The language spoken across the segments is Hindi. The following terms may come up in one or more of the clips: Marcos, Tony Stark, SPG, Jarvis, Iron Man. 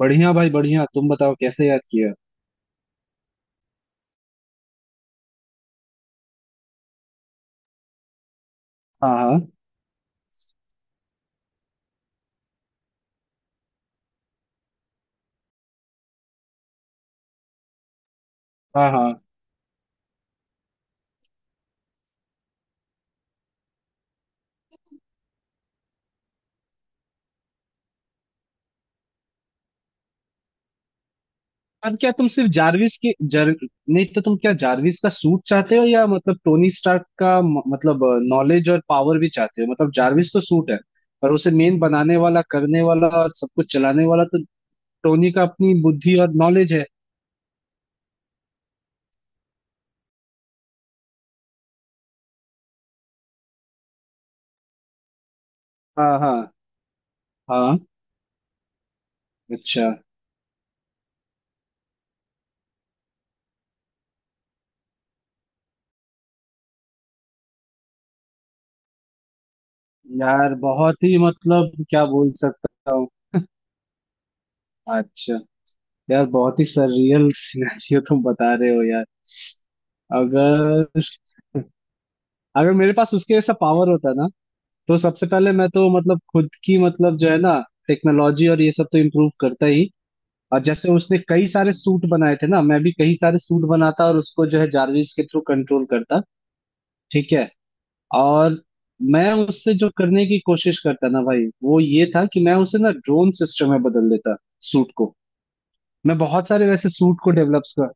बढ़िया भाई, बढ़िया। तुम बताओ, कैसे याद किया? हाँ, हाँ। हाँ, हाँ। अब क्या तुम सिर्फ जारविस के जर नहीं तो तुम क्या जारविस का सूट चाहते हो, या मतलब टोनी स्टार्क का मतलब नॉलेज और पावर भी चाहते हो? मतलब जारविस तो सूट है, पर उसे मेन बनाने वाला, करने वाला और सब कुछ चलाने वाला तो टोनी का अपनी बुद्धि और नॉलेज है। हाँ, हाँ, हाँ। अच्छा। यार, बहुत ही मतलब क्या बोल सकता हूँ। अच्छा। यार, बहुत ही सररियल सिनेरियो तुम बता रहे हो यार। अगर अगर मेरे पास उसके जैसा पावर होता ना, तो सबसे पहले मैं तो मतलब खुद की, मतलब जो है ना, टेक्नोलॉजी और ये सब तो इम्प्रूव करता ही। और जैसे उसने कई सारे सूट बनाए थे ना, मैं भी कई सारे सूट बनाता और उसको जो है जारविस के थ्रू कंट्रोल करता। ठीक है। और मैं उससे जो करने की कोशिश करता ना भाई, वो ये था कि मैं उसे ना ड्रोन सिस्टम में बदल देता, सूट को। मैं बहुत सारे वैसे सूट को डेवलप कर।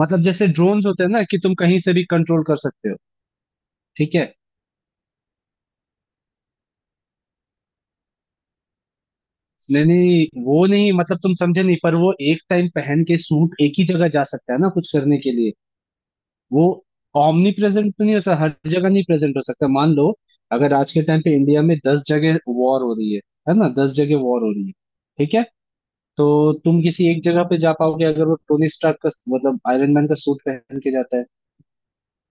मतलब जैसे ड्रोन्स होते हैं ना कि तुम कहीं से भी कंट्रोल कर सकते हो। ठीक है। नहीं, नहीं, वो नहीं, मतलब तुम समझे नहीं। पर वो एक टाइम पहन के सूट एक ही जगह जा सकता है ना कुछ करने के लिए। वो ऑमनी प्रेजेंट तो नहीं हो सकता, हर जगह नहीं प्रेजेंट हो सकता। मान लो अगर आज के टाइम पे इंडिया में 10 जगह वॉर हो रही है ना, 10 जगह वॉर हो रही है, ठीक है, तो तुम किसी एक जगह पे जा पाओगे अगर वो टोनी स्टार्क का, मतलब आयरन मैन का सूट पहन के जाता है।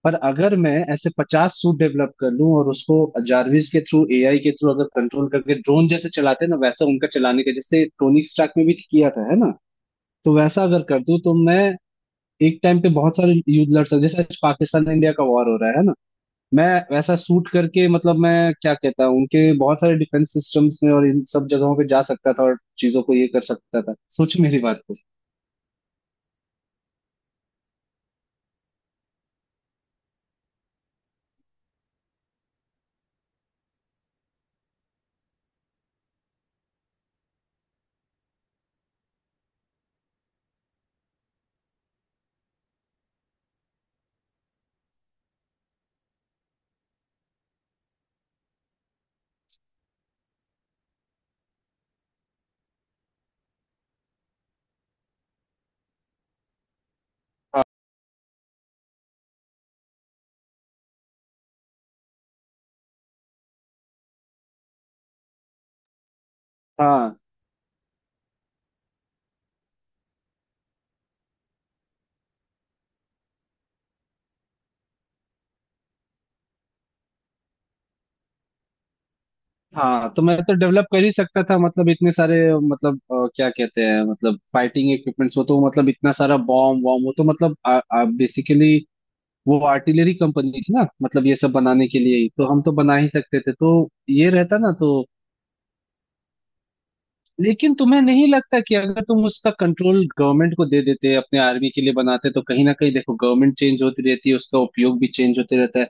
पर अगर मैं ऐसे 50 सूट डेवलप कर लूं और उसको जारविस के थ्रू, एआई के थ्रू अगर कंट्रोल करके ड्रोन जैसे चलाते हैं ना वैसा, उनका चलाने का जैसे टोनिक स्टार्क में भी किया था, है ना, तो वैसा अगर कर दूं तो मैं एक टाइम पे बहुत सारे युद्ध लड़ सकता। जैसे आज पाकिस्तान इंडिया का वॉर हो रहा है ना, मैं वैसा सूट करके, मतलब मैं क्या कहता हूँ, उनके बहुत सारे डिफेंस सिस्टम्स में और इन सब जगहों पे जा सकता था और चीजों को ये कर सकता था। सोच मेरी बात को। हाँ, हाँ, हाँ। तो मैं तो डेवलप कर ही सकता था, मतलब इतने सारे, मतलब क्या कहते हैं, मतलब फाइटिंग इक्विपमेंट्स हो, तो मतलब इतना सारा बॉम्ब वॉम्ब, वो तो मतलब बेसिकली वो आर्टिलरी कंपनी थी ना, मतलब ये सब बनाने के लिए ही तो, हम तो बना ही सकते थे, तो ये रहता ना तो। लेकिन तुम्हें नहीं लगता कि अगर तुम उसका कंट्रोल गवर्नमेंट को दे देते, अपने आर्मी के लिए बनाते, तो कहीं ना कहीं देखो गवर्नमेंट चेंज होती रहती है, उसका उपयोग भी चेंज होते रहता है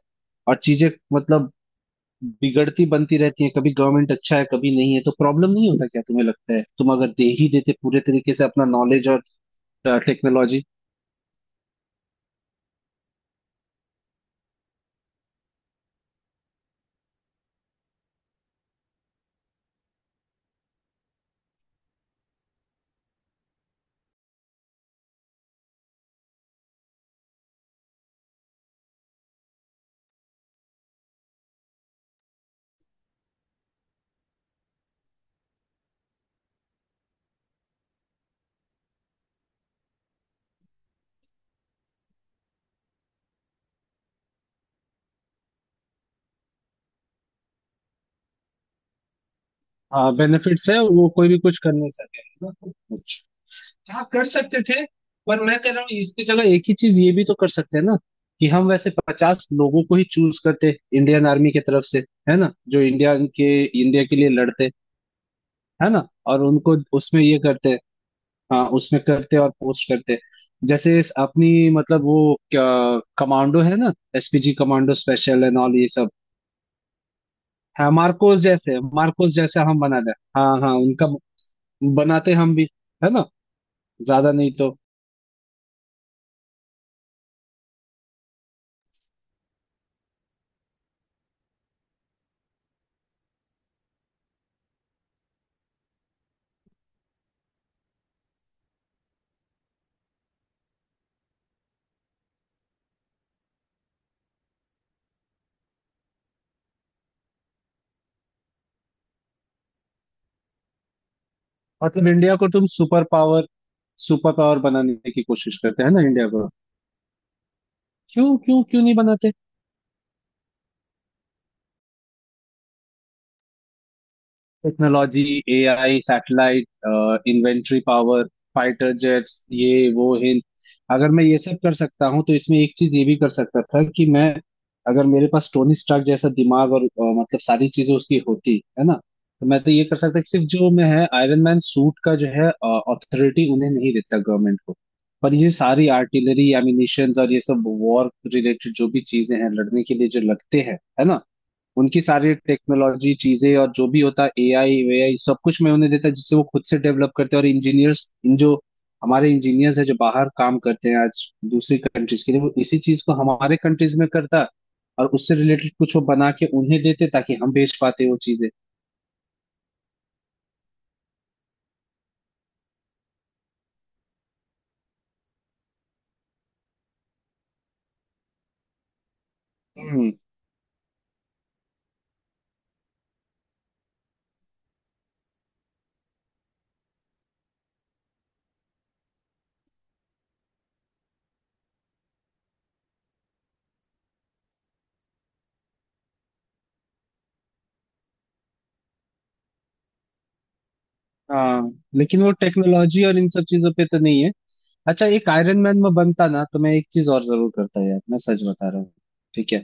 और चीजें मतलब बिगड़ती बनती रहती है, कभी गवर्नमेंट अच्छा है कभी नहीं है, तो प्रॉब्लम नहीं होता क्या? तुम्हें लगता है तुम अगर दे ही देते पूरे तरीके से अपना नॉलेज और टेक्नोलॉजी। हाँ बेनिफिट्स है, वो कोई भी कुछ कर नहीं सके, है ना, तो कुछ। हाँ, कर सकते थे। पर मैं कह रहा हूँ इसकी जगह एक ही चीज ये भी तो कर सकते हैं ना, कि हम वैसे 50 लोगों को ही चूज करते इंडियन आर्मी की तरफ से, है ना, जो इंडिया के लिए लड़ते, है ना, और उनको उसमें ये करते। हाँ, उसमें करते और पोस्ट करते, जैसे इस अपनी मतलब वो क्या, कमांडो है ना, SPG commando, special and all ये सब। हाँ, मार्कोस जैसे, मार्कोस जैसे हम बना दे। हाँ, हाँ, उनका बनाते हम भी, है ना, ज्यादा नहीं तो। मतलब इंडिया को तुम सुपर पावर, सुपर पावर बनाने की कोशिश करते हैं ना इंडिया को। क्यों, क्यों, क्यों नहीं बनाते? Technology, AI, satellite, inventory power, fighter jets, ये वो इन। अगर मैं ये सब कर सकता हूँ तो इसमें एक चीज ये भी कर सकता था कि मैं, अगर मेरे पास टोनी स्टार्क जैसा दिमाग और मतलब सारी चीजें उसकी होती, है ना, तो मैं तो ये कर सकता कि सिर्फ जो मैं है आयरन मैन सूट का जो है अथॉरिटी, उन्हें नहीं देता गवर्नमेंट को। पर ये सारी आर्टिलरी, एमिनिशंस और ये सब वॉर रिलेटेड जो भी चीजें हैं लड़ने के लिए जो लगते हैं, है ना, उनकी सारी टेक्नोलॉजी चीजें और जो भी होता एआई वेआई, सब कुछ मैं उन्हें देता, जिससे वो खुद से डेवलप करते हैं। और इंजीनियर्स इन जो हमारे इंजीनियर्स है जो बाहर काम करते हैं आज दूसरी कंट्रीज के लिए, वो इसी चीज को हमारे कंट्रीज में करता, और उससे रिलेटेड कुछ वो बना के उन्हें देते ताकि हम बेच पाते वो चीजें। हम्म। हाँ, लेकिन वो टेक्नोलॉजी और इन सब चीजों पे तो नहीं है। अच्छा, एक आयरन मैन में बनता ना तो मैं एक चीज और जरूर करता यार, मैं सच बता रहा हूँ। ठीक है,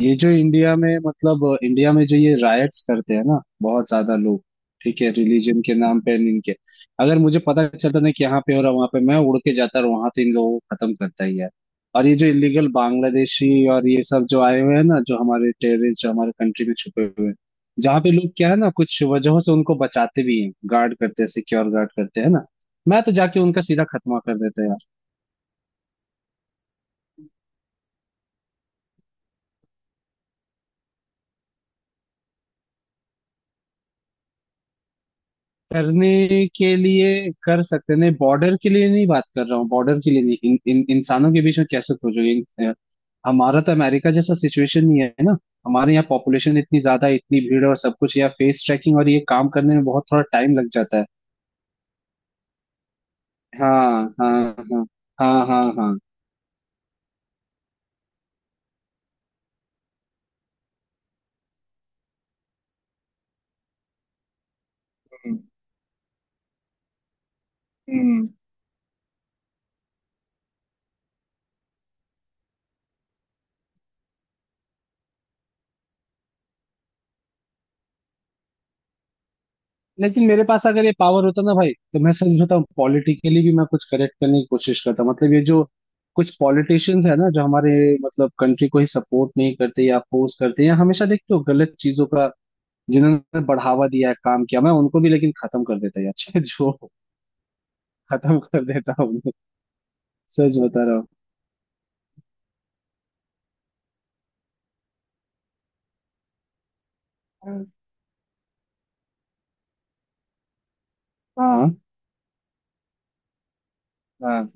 ये जो इंडिया में, मतलब इंडिया में जो ये रायट्स करते हैं ना बहुत ज्यादा लोग, ठीक है, रिलीजन के नाम पे, और इनके, अगर मुझे पता चलता ना कि यहाँ पे हो रहा, वहां पे मैं उड़ के जाता और वहां तो इन लोगों को खत्म करता ही है। और ये जो इलीगल बांग्लादेशी और ये सब जो आए हुए हैं ना, जो हमारे टेररिस्ट जो हमारे कंट्री में छुपे हुए हैं, जहाँ पे लोग क्या है ना, कुछ वजहों से उनको बचाते भी हैं, गार्ड करते हैं, सिक्योर गार्ड करते हैं ना, मैं तो जाके उनका सीधा खत्मा कर देता। करने के लिए कर सकते हैं, नहीं, बॉर्डर के लिए नहीं बात कर रहा हूँ, बॉर्डर के लिए नहीं, इन इंसानों के बीच में कैसे खोजोगे हमारा तो अमेरिका जैसा सिचुएशन नहीं है ना। हमारे यहाँ पॉपुलेशन इतनी ज्यादा है, इतनी भीड़ और सब कुछ, यहाँ फेस ट्रैकिंग और ये काम करने में बहुत थोड़ा टाइम लग जाता है। हाँ, हाँ, हाँ, हाँ, हाँ, हाँ। हम्म, हम्म। लेकिन मेरे पास अगर ये पावर होता ना भाई, तो मैं सच बताऊं, पॉलिटिकली भी मैं कुछ करेक्ट करने की कोशिश करता। मतलब ये जो कुछ पॉलिटिशियंस है ना जो हमारे मतलब कंट्री को ही सपोर्ट नहीं करते या अपोज करते हैं, या हमेशा देखते हो गलत चीजों का जिन्होंने बढ़ावा दिया है, काम किया, मैं उनको भी लेकिन खत्म कर देता यार जो, खत्म कर देता हूँ, सच बता रहा हूँ। हाँ, हाँ।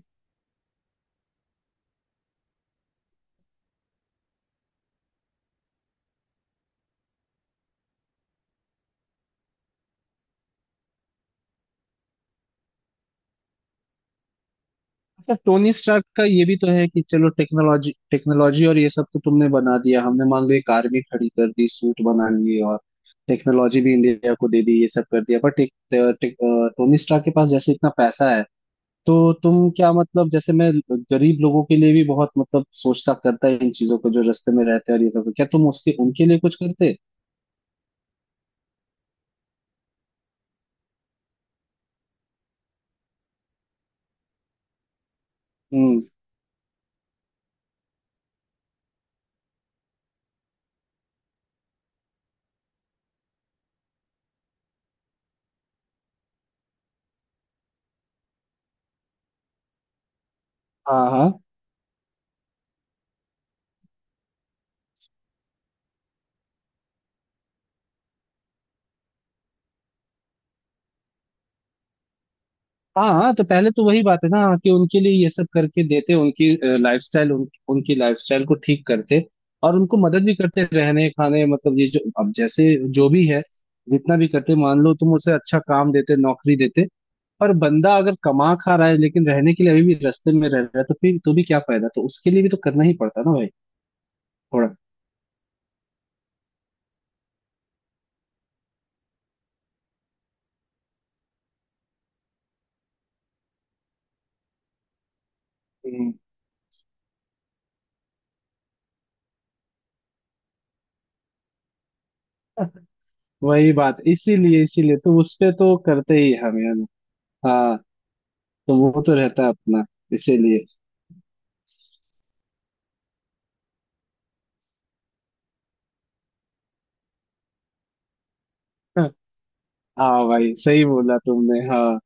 अच्छा, टोनी स्टार्क का ये भी तो है कि चलो टेक्नोलॉजी, टेक्नोलॉजी और ये सब तो तुमने बना दिया, हमने मान लो एक आर्मी खड़ी कर दी, सूट बना लिए और टेक्नोलॉजी भी इंडिया को दे दी, ये सब कर दिया, बट एक टे- टे- अ, टोनी स्टार्क के पास जैसे इतना पैसा है, तो तुम क्या, मतलब जैसे मैं गरीब लोगों के लिए भी बहुत मतलब सोचता, करता है इन चीजों को जो रास्ते में रहते हैं और ये सब, क्या तुम उसके उनके लिए कुछ करते? हम्म। हाँ, हाँ, हाँ, हाँ, तो पहले तो वही बात है ना कि उनके लिए ये सब करके देते, उनकी लाइफस्टाइल, उनकी लाइफस्टाइल को ठीक करते, और उनको मदद भी करते रहने, खाने, मतलब ये जो अब जैसे, जो भी है जितना भी करते, मान लो तुम उसे अच्छा काम देते, नौकरी देते, पर बंदा अगर कमा खा रहा है लेकिन रहने के लिए अभी भी रास्ते में रह रहा है, तो फिर तो भी क्या फायदा? तो उसके लिए भी तो करना ही पड़ता ना भाई, थोड़ा। हम्म, वही बात, इसीलिए, तो उस पे तो करते ही हम यार। हाँ, तो वो तो रहता है अपना, इसीलिए। हाँ भाई, सही बोला तुमने, हाँ।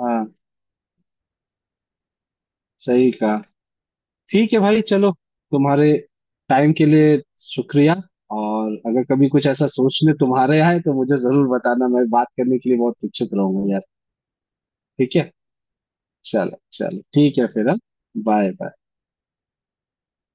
हाँ, सही कहा। ठीक है भाई चलो, तुम्हारे टाइम के लिए शुक्रिया। और अगर कभी कुछ ऐसा सोचने तुम्हारे यहाँ है तो मुझे जरूर बताना, मैं बात करने के लिए बहुत उत्सुक रहूंगा यार। ठीक है, चलो चलो, ठीक है फिर, हाँ। बाय।